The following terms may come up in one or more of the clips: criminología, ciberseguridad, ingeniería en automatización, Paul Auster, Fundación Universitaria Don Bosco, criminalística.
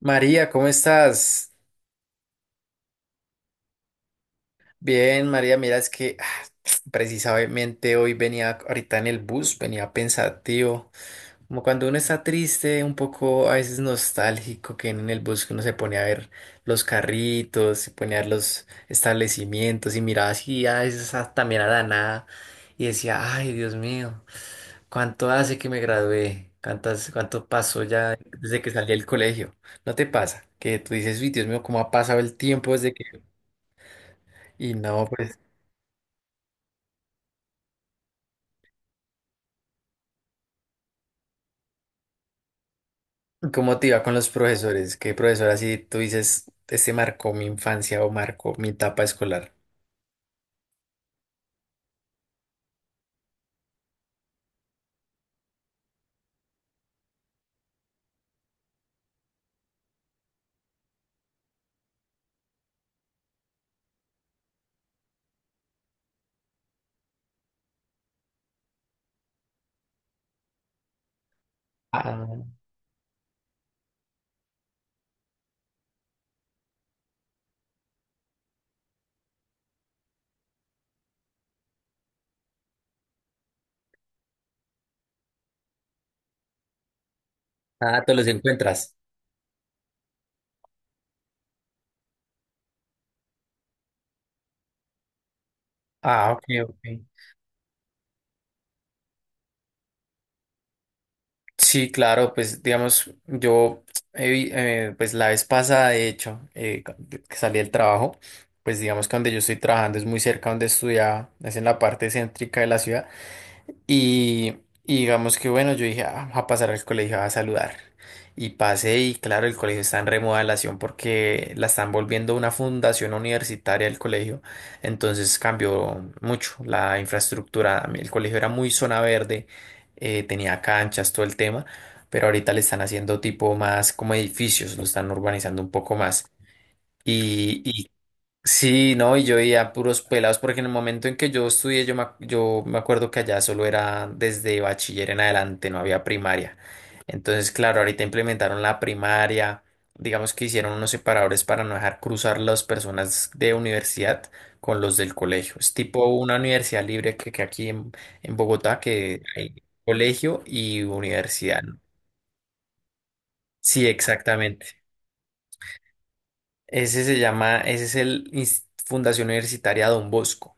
María, ¿cómo estás? Bien, María, mira, es que precisamente hoy venía ahorita en el bus, venía pensativo, como cuando uno está triste, un poco a veces nostálgico, que en el bus que uno se pone a ver los carritos, se pone a ver los establecimientos y miraba así a veces también a la nada y decía, ay, Dios mío, ¿cuánto hace que me gradué? ¿¿Cuánto pasó ya desde que salí del colegio? ¿No te pasa? Que tú dices, uy, Dios mío, ¿cómo ha pasado el tiempo desde que? Y no, pues, ¿cómo te iba con los profesores? ¿Qué profesor así tú dices, este marcó mi infancia o marcó mi etapa escolar? Ah. Ah, te los encuentras. Ah, ok, ok. Sí, claro, pues digamos, yo, pues la vez pasada, de hecho, que salí del trabajo, pues digamos que donde yo estoy trabajando es muy cerca donde estudiaba, es en la parte céntrica de la ciudad. Y, y digamos que bueno, yo dije, "Ah, voy a pasar al colegio a saludar". Y pasé y claro, el colegio está en remodelación porque la están volviendo una fundación universitaria el colegio. Entonces cambió mucho la infraestructura. El colegio era muy zona verde, tenía canchas, todo el tema, pero ahorita le están haciendo tipo más como edificios, lo están urbanizando un poco más. Y sí, no, y yo veía puros pelados, porque en el momento en que yo estudié, yo me acuerdo que allá solo era desde bachiller en adelante, no había primaria. Entonces, claro, ahorita implementaron la primaria, digamos que hicieron unos separadores para no dejar cruzar las personas de universidad con los del colegio. Es tipo una universidad libre que aquí en Bogotá, que hay colegio y universidad, ¿no? Sí, exactamente. Ese se llama, ese es el Fundación Universitaria Don Bosco.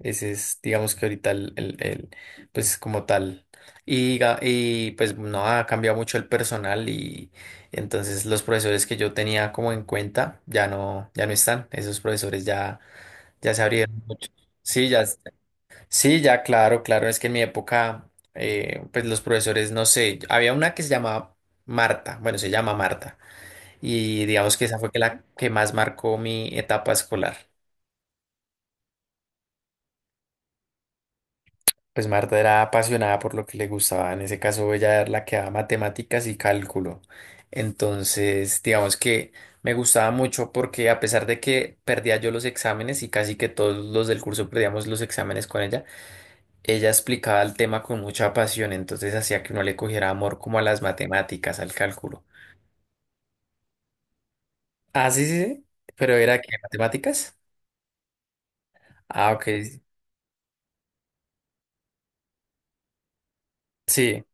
Ese es, digamos que ahorita pues como tal. Y, y pues no ha cambiado mucho el personal y entonces los profesores que yo tenía como en cuenta ya no, ya no están. Esos profesores ya, ya se abrieron mucho. Sí, ya, sí, ya, claro, claro. Es que en mi época, pues los profesores, no sé, había una que se llamaba Marta, bueno, se llama Marta. Y digamos que esa fue que la que más marcó mi etapa escolar. Pues Marta era apasionada por lo que le gustaba. En ese caso, ella era la que daba matemáticas y cálculo. Entonces, digamos que me gustaba mucho porque a pesar de que perdía yo los exámenes y casi que todos los del curso perdíamos los exámenes con ella, ella explicaba el tema con mucha pasión. Entonces hacía que uno le cogiera amor como a las matemáticas, al cálculo. Ah, sí, sí, sí. Pero era que matemáticas. Ah, ok. Sí.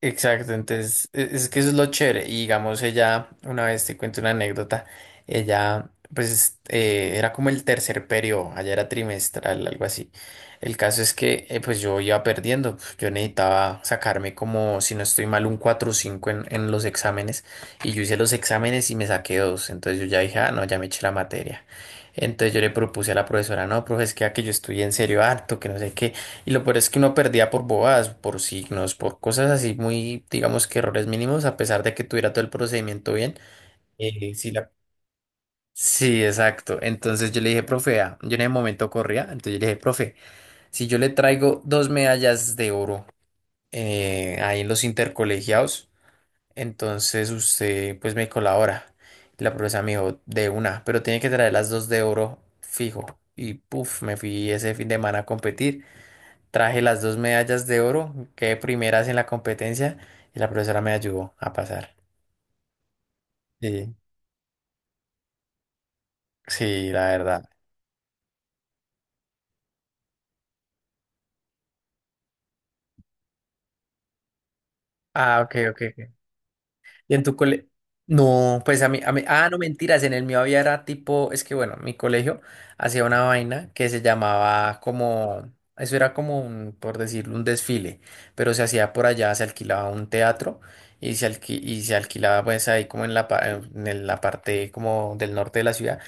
Exacto, entonces es que eso es lo chévere. Y digamos, ella, una vez te cuento una anécdota, ella pues era como el tercer periodo, allá era trimestral, algo así. El caso es que pues yo iba perdiendo, pues, yo necesitaba sacarme como, si no estoy mal, un 4 o 5 en los exámenes. Y yo hice los exámenes y me saqué dos, entonces yo ya dije, ah, no, ya me eché la materia. Entonces yo le propuse a la profesora, no, profe, es que a que yo estudié en serio harto, que no sé qué. Y lo peor es que uno perdía por bobadas, por signos, por cosas así muy, digamos que errores mínimos, a pesar de que tuviera todo el procedimiento bien. Sí, la... sí, exacto. Entonces yo le dije, profe, vea, yo en ese momento corría, entonces yo le dije, profe, si yo le traigo dos medallas de oro ahí en los intercolegiados, entonces usted pues me colabora. Y la profesora me dijo, de una, pero tiene que traer las dos de oro fijo. Y puf, me fui ese fin de semana a competir. Traje las dos medallas de oro, quedé primeras en la competencia y la profesora me ayudó a pasar. Sí, sí, la verdad. Ah, ok, ok, ok. ¿Y en tu cole? No, pues a mí, ah, no mentiras, en el mío había era tipo, es que bueno, mi colegio hacía una vaina que se llamaba como, eso era como un, por decirlo, un desfile, pero se hacía por allá, se alquilaba un teatro y y se alquilaba pues ahí como en la, en la parte como del norte de la ciudad.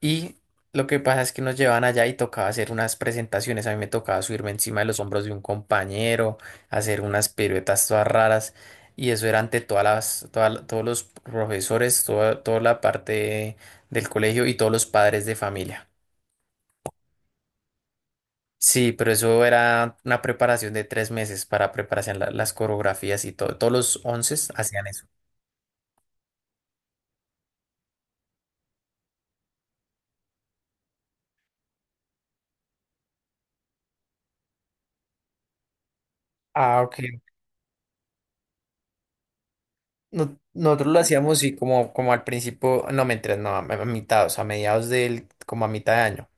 Y lo que pasa es que nos llevaban allá y tocaba hacer unas presentaciones. A mí me tocaba subirme encima de los hombros de un compañero, hacer unas piruetas todas raras. Y eso era ante todas las, todos los profesores, toda, toda la parte del colegio y todos los padres de familia. Sí, pero eso era una preparación de 3 meses para prepararse en las coreografías y todo. Todos los once hacían eso. Ah, ok. Nosotros lo hacíamos y como, como al principio, no, mentiras, no, a mitad, o sea, a mediados del, como a mitad de año.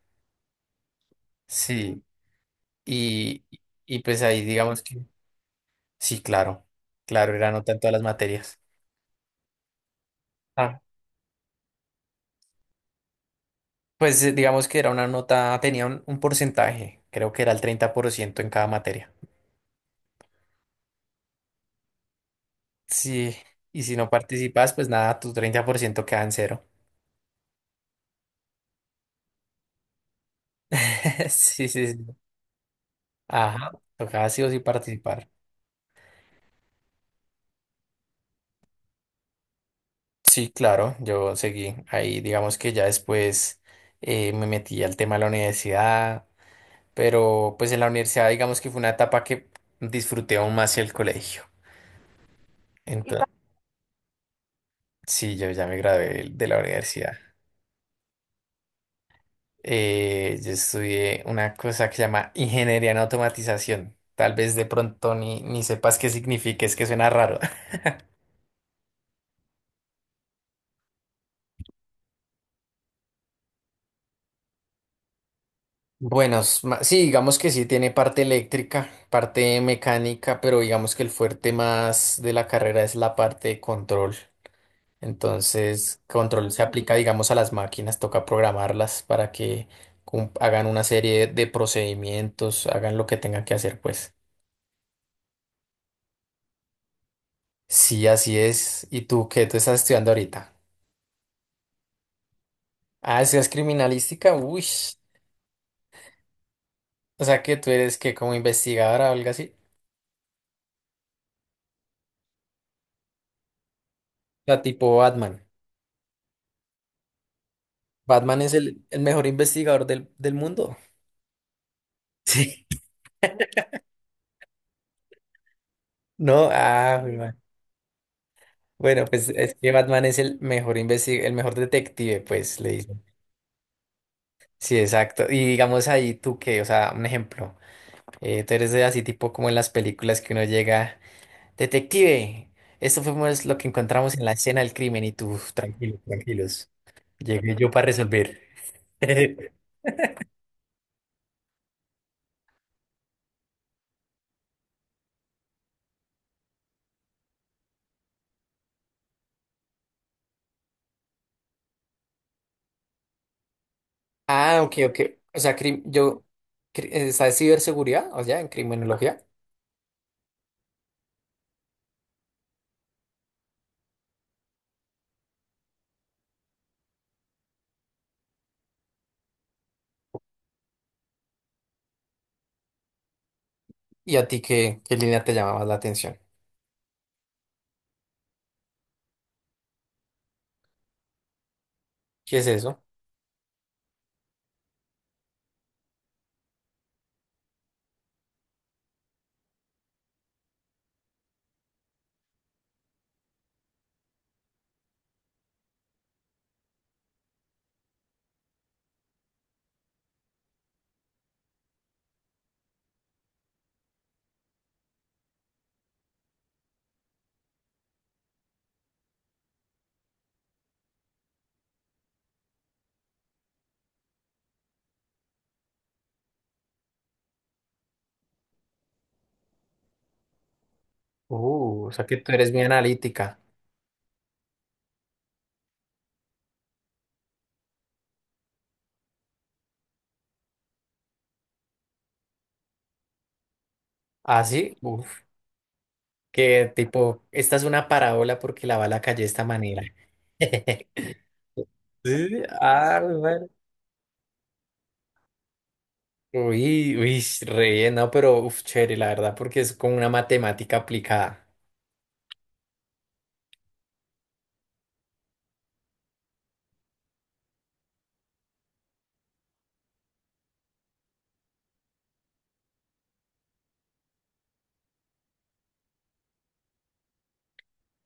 Sí, y, y pues ahí digamos que sí, claro, claro, era nota en todas las materias. Ah, pues digamos que era una nota, tenía un porcentaje, creo que era el 30% en cada materia. Sí, y si no participas, pues nada, tu 30% queda en cero. Sí, sí, sí. Ajá, tocaba sí o sí participar. Sí, claro, yo seguí ahí, digamos que ya después me metí al tema de la universidad. Pero pues en la universidad digamos que fue una etapa que disfruté aún más el colegio. Entonces, sí, yo ya me gradué de la universidad. Yo estudié una cosa que se llama ingeniería en automatización. Tal vez de pronto ni sepas qué significa, es que suena raro. Bueno, sí, digamos que sí tiene parte eléctrica, parte mecánica, pero digamos que el fuerte más de la carrera es la parte de control. Entonces, control se aplica, digamos, a las máquinas, toca programarlas para que hagan una serie de procedimientos, hagan lo que tengan que hacer, pues. Sí, así es. ¿Y tú qué? ¿Tú estás estudiando ahorita? ¿Ah, es criminalística? Uy. O sea, que tú eres que como investigadora o algo así. O sea, tipo Batman. Batman es el mejor investigador del, del mundo. Sí. No, ah, bueno, pues es que Batman es el mejor el mejor detective, pues le dicen. Sí, exacto. Y digamos ahí tú que, o sea, un ejemplo, tú eres de así tipo como en las películas que uno llega, detective, esto fue pues lo que encontramos en la escena del crimen y tú, tranquilos, tranquilos, llegué yo para resolver. Ah, ok, ok. O sea, yo, está ciberseguridad, o sea, en criminología. ¿Y a ti qué, qué línea te llama más la atención? ¿Qué es eso? O sea que tú eres muy analítica. Ah, sí, uf. Que tipo, esta es una parábola porque la bala cayó de esta manera. Sí, ah, bueno. Uy, uy, re bien, no, pero uf, chévere, la verdad, porque es como una matemática aplicada.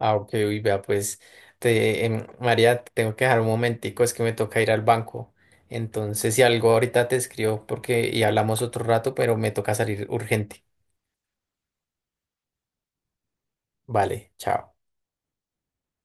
Ah, ok, uy, vea, pues, te, María, te tengo que dejar un momentico, es que me toca ir al banco. Entonces, si algo ahorita te escribo porque y hablamos otro rato, pero me toca salir urgente. Vale, chao.